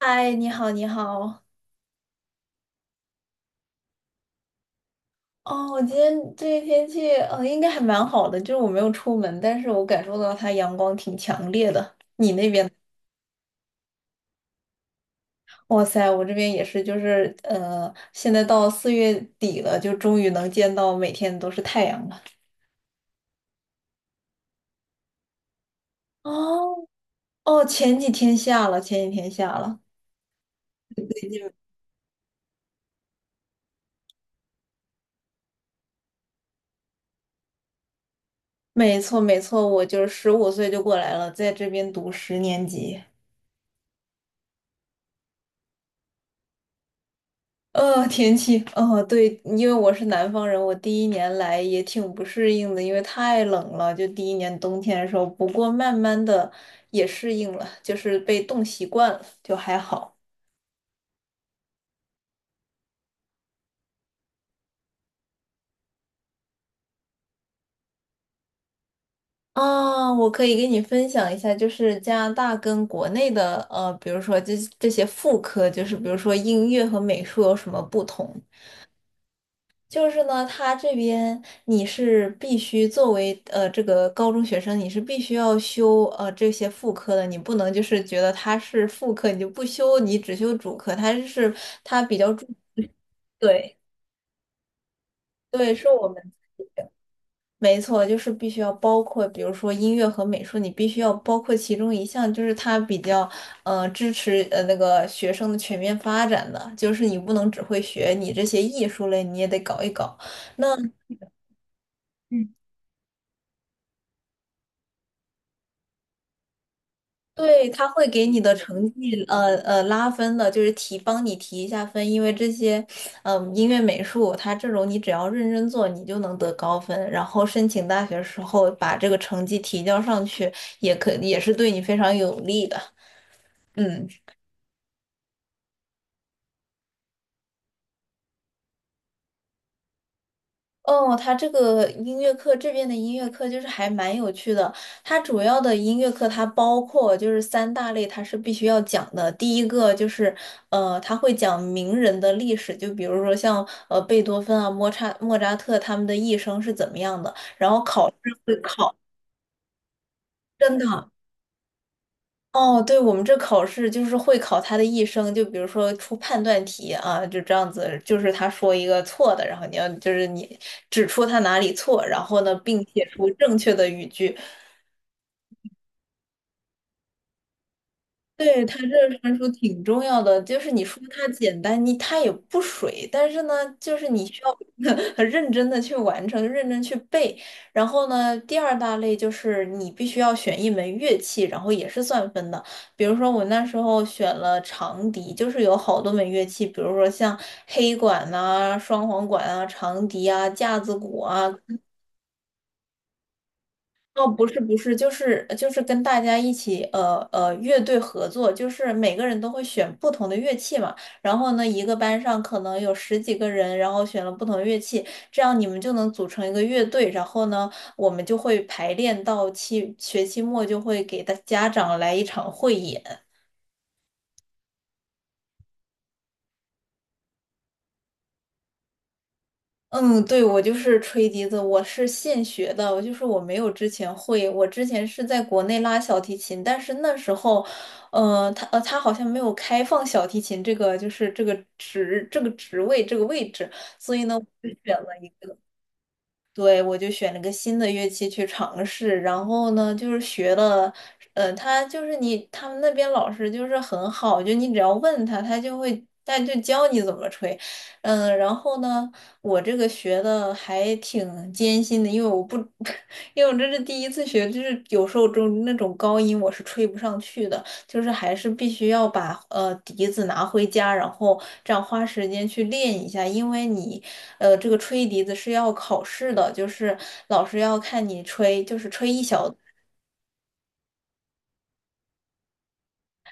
嗨，你好，你好。哦，我今天这个天气，应该还蛮好的，就是我没有出门，但是我感受到它阳光挺强烈的。你那边？哇塞，我这边也是，就是现在到四月底了，就终于能见到每天都是太阳了。哦哦，前几天下了，前几天下了。最近。没错没错，我就是15岁就过来了，在这边读10年级。天气，哦，对，因为我是南方人，我第一年来也挺不适应的，因为太冷了，就第一年冬天的时候。不过慢慢的也适应了，就是被冻习惯了，就还好。啊，我可以给你分享一下，就是加拿大跟国内的，比如说这些副科，就是比如说音乐和美术有什么不同。就是呢，他这边你是必须作为这个高中学生，你是必须要修这些副科的，你不能就是觉得它是副科你就不修，你只修主科，它是它比较注。对对，是我们。没错，就是必须要包括，比如说音乐和美术，你必须要包括其中一项，就是它比较支持那个学生的全面发展的，就是你不能只会学你这些艺术类，你也得搞一搞。对，他会给你的成绩，拉分的，就是提，帮你提一下分，因为这些，嗯、音乐、美术，它这种你只要认真做，你就能得高分。然后申请大学时候把这个成绩提交上去，也可也是对你非常有利的。嗯。哦，他这个音乐课这边的音乐课就是还蛮有趣的。它主要的音乐课它包括就是三大类，它是必须要讲的。第一个就是他会讲名人的历史，就比如说像贝多芬啊、莫扎特他们的一生是怎么样的，然后考试会考。真的，哦，对，我们这考试就是会考他的一生，就比如说出判断题啊，就这样子，就是他说一个错的，然后你要就是你指出他哪里错，然后呢，并写出正确的语句。对，它这个传输挺重要的，就是你说它简单，你它也不水，但是呢，就是你需要 很认真的去完成，认真去背。然后呢，第二大类就是你必须要选一门乐器，然后也是算分的。比如说我那时候选了长笛，就是有好多门乐器，比如说像黑管呐、双簧管啊、长笛啊、架子鼓啊。哦，不是不是，就是就是跟大家一起乐队合作，就是每个人都会选不同的乐器嘛。然后呢，一个班上可能有十几个人，然后选了不同的乐器，这样你们就能组成一个乐队。然后呢，我们就会排练到期学期末就会给大家长来一场汇演。嗯，对，我就是吹笛子，我是现学的，我就是我没有之前会，我之前是在国内拉小提琴，但是那时候，他他好像没有开放小提琴这个就是这个职这个职位这个位置，所以呢，我就选了一个。对，我就选了个新的乐器去尝试，然后呢，就是学了，他就是你，他们那边老师就是很好，就你只要问他，他就会，他就教你怎么吹，嗯，然后呢，我这个学的还挺艰辛的，因为我不，因为我这是第一次学，就是有时候就那种高音我是吹不上去的，就是还是必须要把笛子拿回家，然后这样花时间去练一下，因为你这个吹笛子是要考试的，就是老师要看你吹，就是吹一小。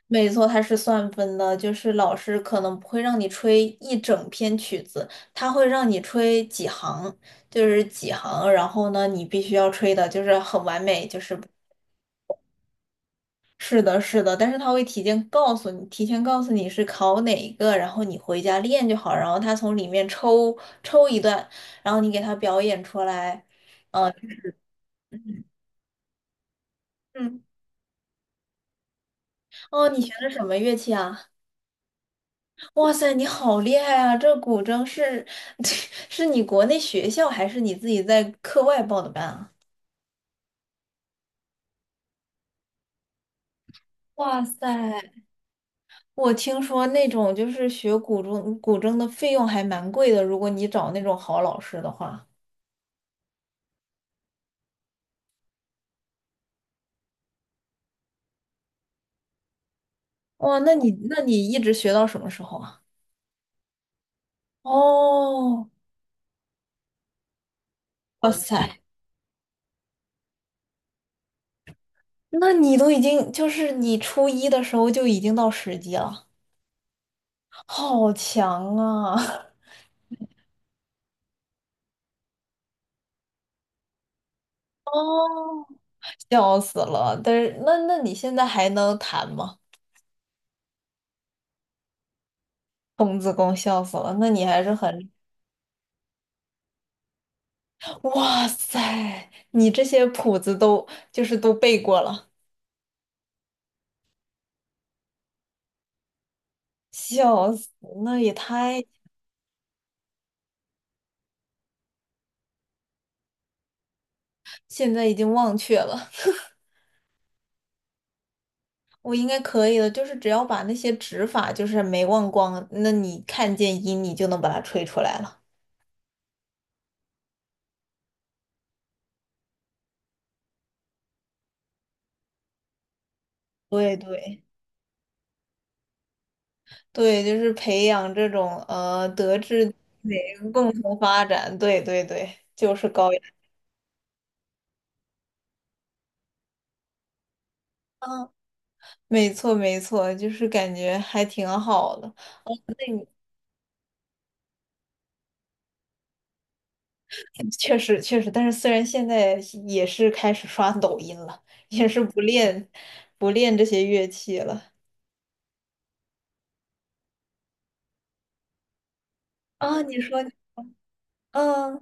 没错，它是算分的，就是老师可能不会让你吹一整篇曲子，他会让你吹几行，就是几行，然后呢你必须要吹的就是很完美，就是。是的，是的，但是他会提前告诉你，提前告诉你是考哪一个，然后你回家练就好，然后他从里面抽抽一段，然后你给他表演出来。嗯。哦，你学的什么乐器啊？哇塞，你好厉害啊！这古筝是 是你国内学校还是你自己在课外报的班啊？哇塞，我听说那种就是学古筝，古筝的费用还蛮贵的，如果你找那种好老师的话。哇，那你那你一直学到什么时候啊？哦。哇塞，那你都已经就是你初一的时候就已经到10级了，好强啊！哦，笑死了。但是那那你现在还能弹吗？童子功笑死了，那你还是很，哇塞，你这些谱子都就是都背过了。笑死，那也太。现在已经忘却了。我应该可以的，就是只要把那些指法就是没忘光，那你看见音你就能把它吹出来了。对对对，就是培养这种德智体美共同发展。对对对，就是高雅。嗯，没错没错，就是感觉还挺好的。那你。 确实确实，但是虽然现在也是开始刷抖音了，也是不练这些乐器了。啊，你说，嗯。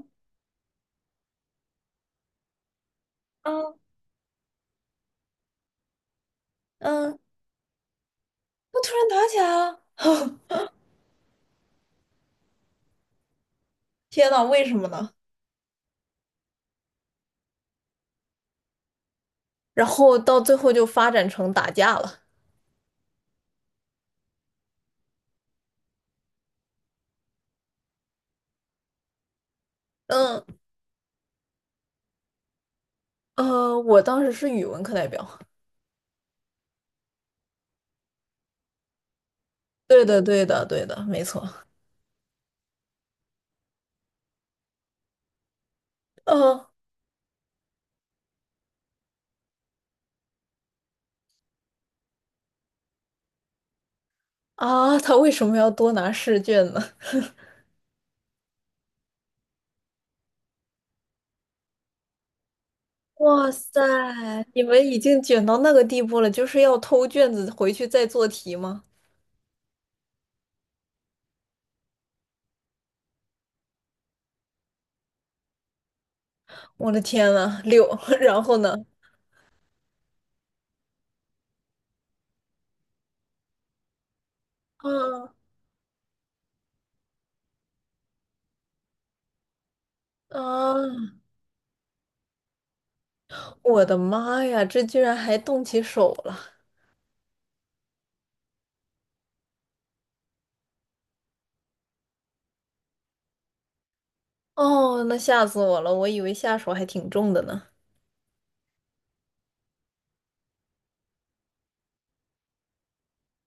嗯嗯，我突然打起来了。天呐，为什么呢？然后到最后就发展成打架了。嗯。我当时是语文课代表。对的，对的，对的，没错。嗯。啊，他为什么要多拿试卷呢？哇塞，你们已经卷到那个地步了，就是要偷卷子回去再做题吗？我的天呐，六，然后呢？嗯。啊，我的妈呀，这居然还动起手了！哦，那吓死我了，我以为下手还挺重的呢。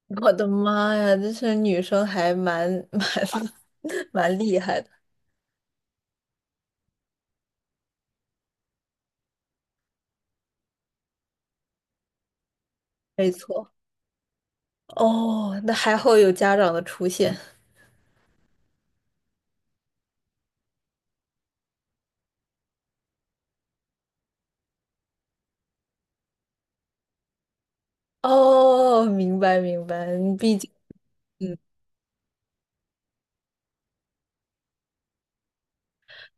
我的妈呀，这些女生还蛮 蛮厉害的。没错。哦，那还好有家长的出现。哦，明白明白，毕竟。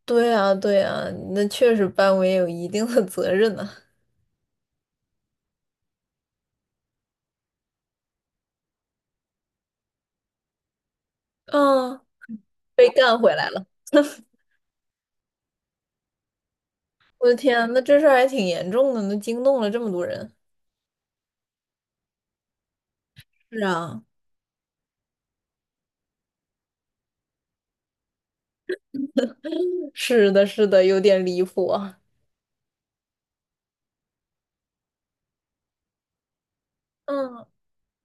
对啊对啊，那确实班委有一定的责任呢、嗯。被干回来了。我的天啊那这事儿还挺严重的，那惊动了这么多人。是啊。是的，是的，有点离谱啊。嗯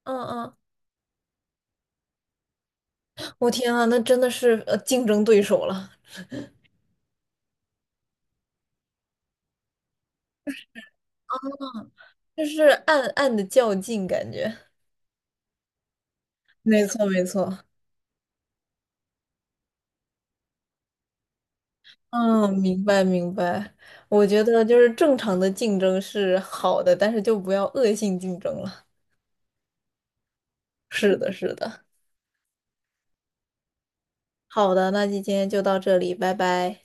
嗯嗯，我天啊，那真的是竞争对手了。嗯。就是暗暗的较劲感觉。没错，没错。嗯，明白明白。我觉得就是正常的竞争是好的，但是就不要恶性竞争了。是的，是的。好的，那今天就到这里，拜拜。